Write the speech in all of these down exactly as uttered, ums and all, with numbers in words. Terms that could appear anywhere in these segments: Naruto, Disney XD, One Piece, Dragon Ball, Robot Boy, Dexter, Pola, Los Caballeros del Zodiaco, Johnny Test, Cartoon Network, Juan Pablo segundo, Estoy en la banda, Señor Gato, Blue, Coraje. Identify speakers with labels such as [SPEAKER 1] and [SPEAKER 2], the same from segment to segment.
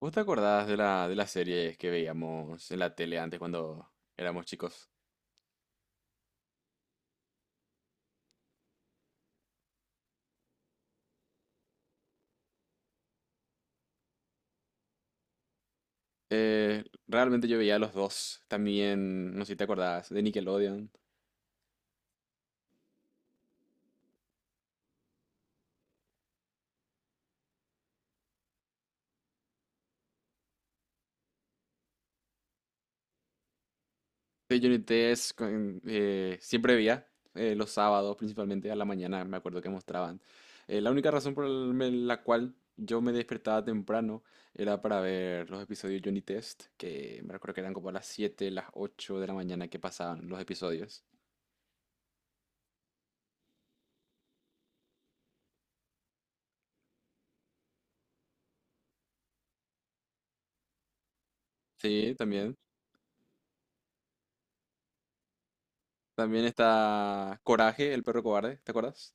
[SPEAKER 1] ¿Vos te acordás de la, de las series que veíamos en la tele antes cuando éramos chicos? Eh, realmente yo veía a los dos. También, no sé si te acordás, de Nickelodeon, de Johnny Test. Con- eh, siempre veía eh, los sábados, principalmente a la mañana, me acuerdo que mostraban. Eh, la única razón por el- me- la cual yo me despertaba temprano era para ver los episodios de Johnny Test, que me recuerdo que eran como a las siete, las ocho de la mañana que pasaban los episodios. Sí, también. También está Coraje, el perro cobarde, ¿te acuerdas?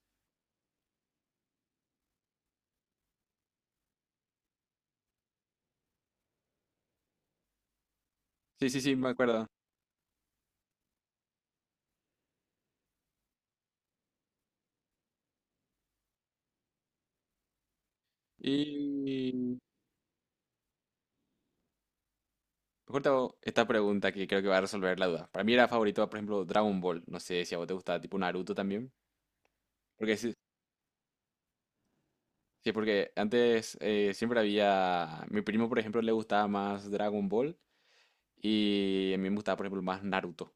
[SPEAKER 1] Sí, sí, sí, me acuerdo. Y mejor te hago esta pregunta que creo que va a resolver la duda. Para mí era favorito, por ejemplo, Dragon Ball. No sé si a vos te gustaba tipo Naruto también. Porque sí, sí, porque antes eh, siempre había. Mi primo, por ejemplo, le gustaba más Dragon Ball y a mí me gustaba, por ejemplo, más Naruto.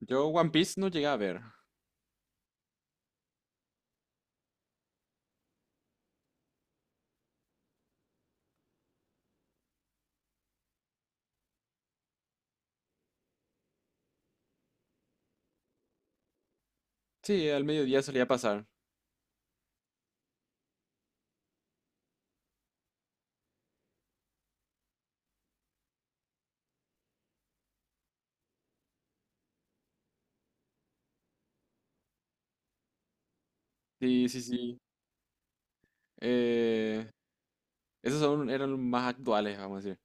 [SPEAKER 1] Yo One Piece no llegué a ver. Sí, al mediodía solía pasar. Sí, sí, sí. Eh, Esos son, eran los más actuales, vamos a decir.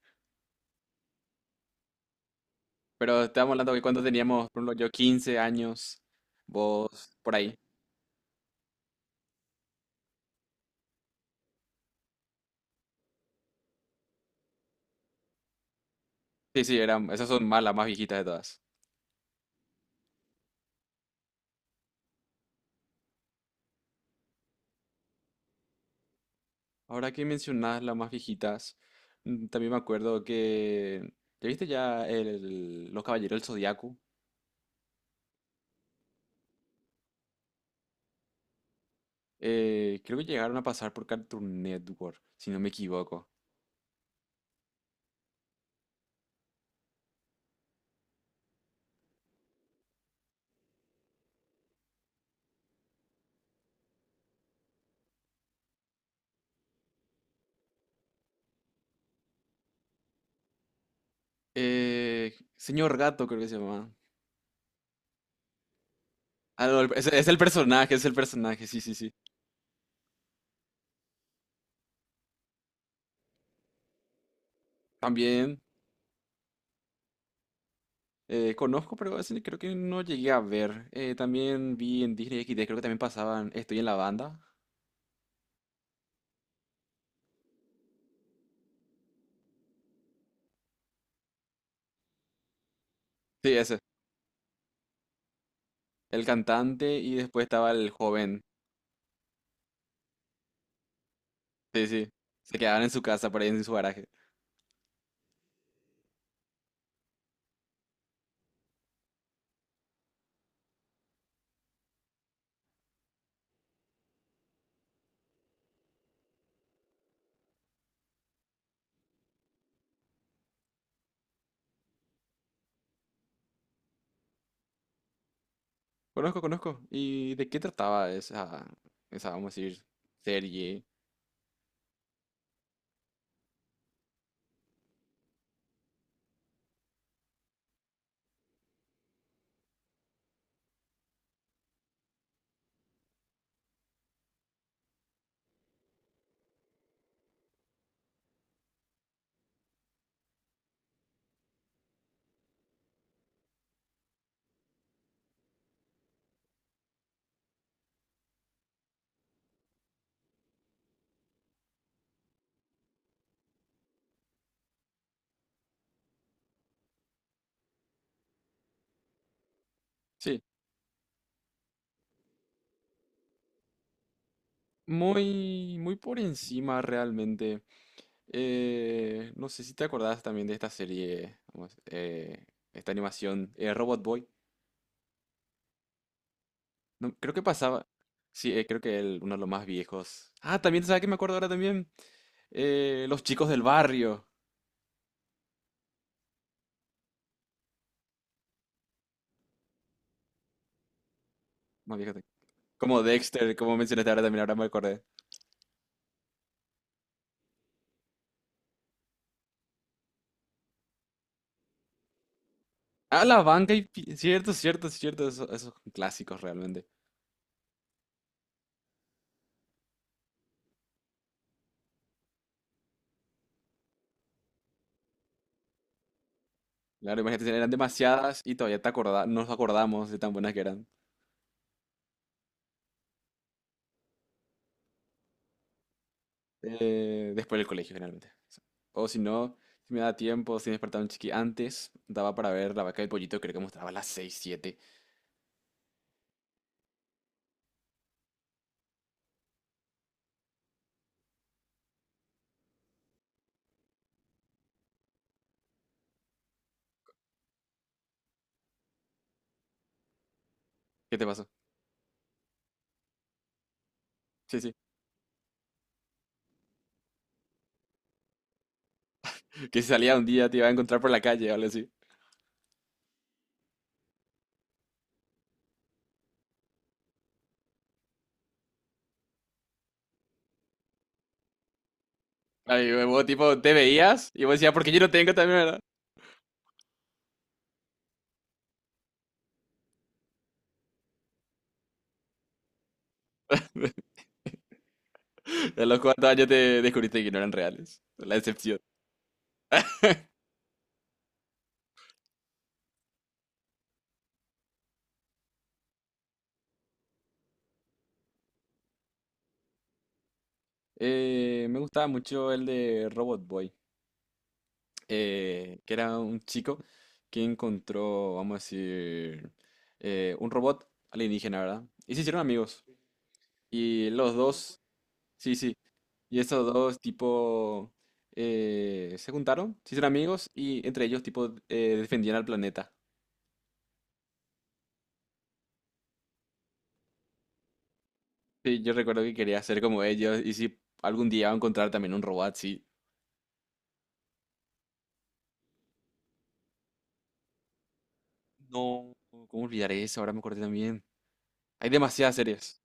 [SPEAKER 1] Pero estábamos hablando que cuando teníamos, por ejemplo, yo quince años, vos por ahí. Sí, sí, eran, esas son más, las más viejitas de todas. Ahora que mencionás las más viejitas, mm, también me acuerdo que, ¿ya viste ya el, Los Caballeros del Zodiaco? Eh, creo que llegaron a pasar por Cartoon Network, si no me equivoco. Eh, Señor Gato creo que se llama. Ah, no, el- es, es el personaje, es el personaje, sí, sí, sí. También. Eh, conozco, pero ese creo que no llegué a ver. Eh, también vi en Disney X D, creo que también pasaban Estoy en la banda. Sí, ese. El cantante y después estaba el joven. Sí, sí. Se quedaban en su casa, por ahí en su garaje. Conozco, conozco. ¿Y de qué trataba esa, esa, vamos a decir, serie? Sí. Muy, muy por encima realmente. Eh, no sé si te acordás también de esta serie, vamos, eh, esta animación, eh, Robot Boy. No, creo que pasaba. Sí, eh, creo que el- uno de los más viejos. Ah, también, ¿sabes qué me acuerdo ahora también? Eh, los chicos del barrio. Más viejos. de- Como Dexter, como mencionaste ahora también, ahora me acordé. Ah, la banca y, pi- cierto, cierto, cierto. Esos, esos clásicos realmente. Claro, imagínate, eran demasiadas y todavía te acorda- nos acordamos de tan buenas que eran. Eh, después del colegio, generalmente. O si no, si me daba tiempo, si me despertaba un chiqui antes, daba para ver la vaca y el pollito, creo que mostraba a las seis siete. ¿Qué te pasó? Sí, sí. Que si salía un día te iba a encontrar por la calle o algo así. Ay, vos tipo, te veías y vos decías, "Ah, porque yo no tengo también, ¿verdad?" A los cuatro años te descubriste que no eran reales. La decepción. Eh, me gustaba mucho el de Robot Boy, eh, que era un chico que encontró, vamos a decir, eh, un robot alienígena, ¿verdad? Y se hicieron amigos. Y los dos. Sí, sí. Y estos dos, tipo, eh, se juntaron, se hicieron amigos y entre ellos, tipo, eh, defendían al planeta. Sí, yo recuerdo que quería ser como ellos y si algún día iba a encontrar también un robot, sí. No, ¿cómo olvidar eso? Ahora me acordé también. Hay demasiadas series.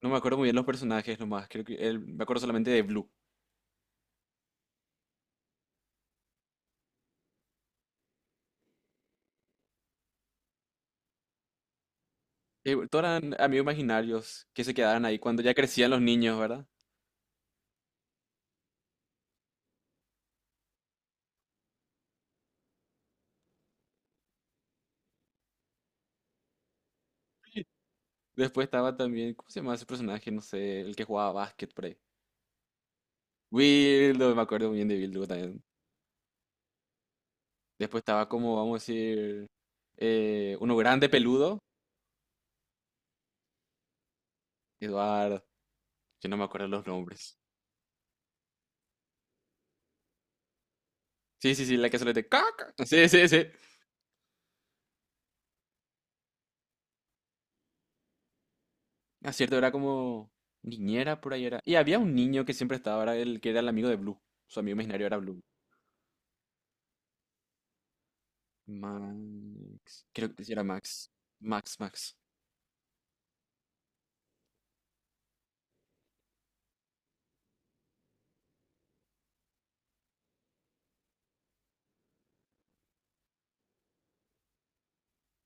[SPEAKER 1] No me acuerdo muy bien los personajes nomás. Creo que el- me acuerdo solamente de Blue. Eh, bueno, todos eran amigos imaginarios que se quedaron ahí cuando ya crecían los niños, ¿verdad? Después estaba también, ¿cómo se llama ese personaje? No sé, el que jugaba básquet por ahí. Wildo, me acuerdo bien de Wildo también. Después estaba como, vamos a decir, eh, uno grande peludo, Eduardo. Yo no me acuerdo los nombres. Sí, sí, sí, la que se le de caca. Sí, sí, sí. A cierto, era como niñera por ahí era. Y había un niño que siempre estaba, era el que era el amigo de Blue. Su amigo imaginario era Blue. Max. Creo que sí era Max. Max, Max.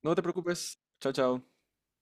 [SPEAKER 1] No te preocupes. Chao, chao.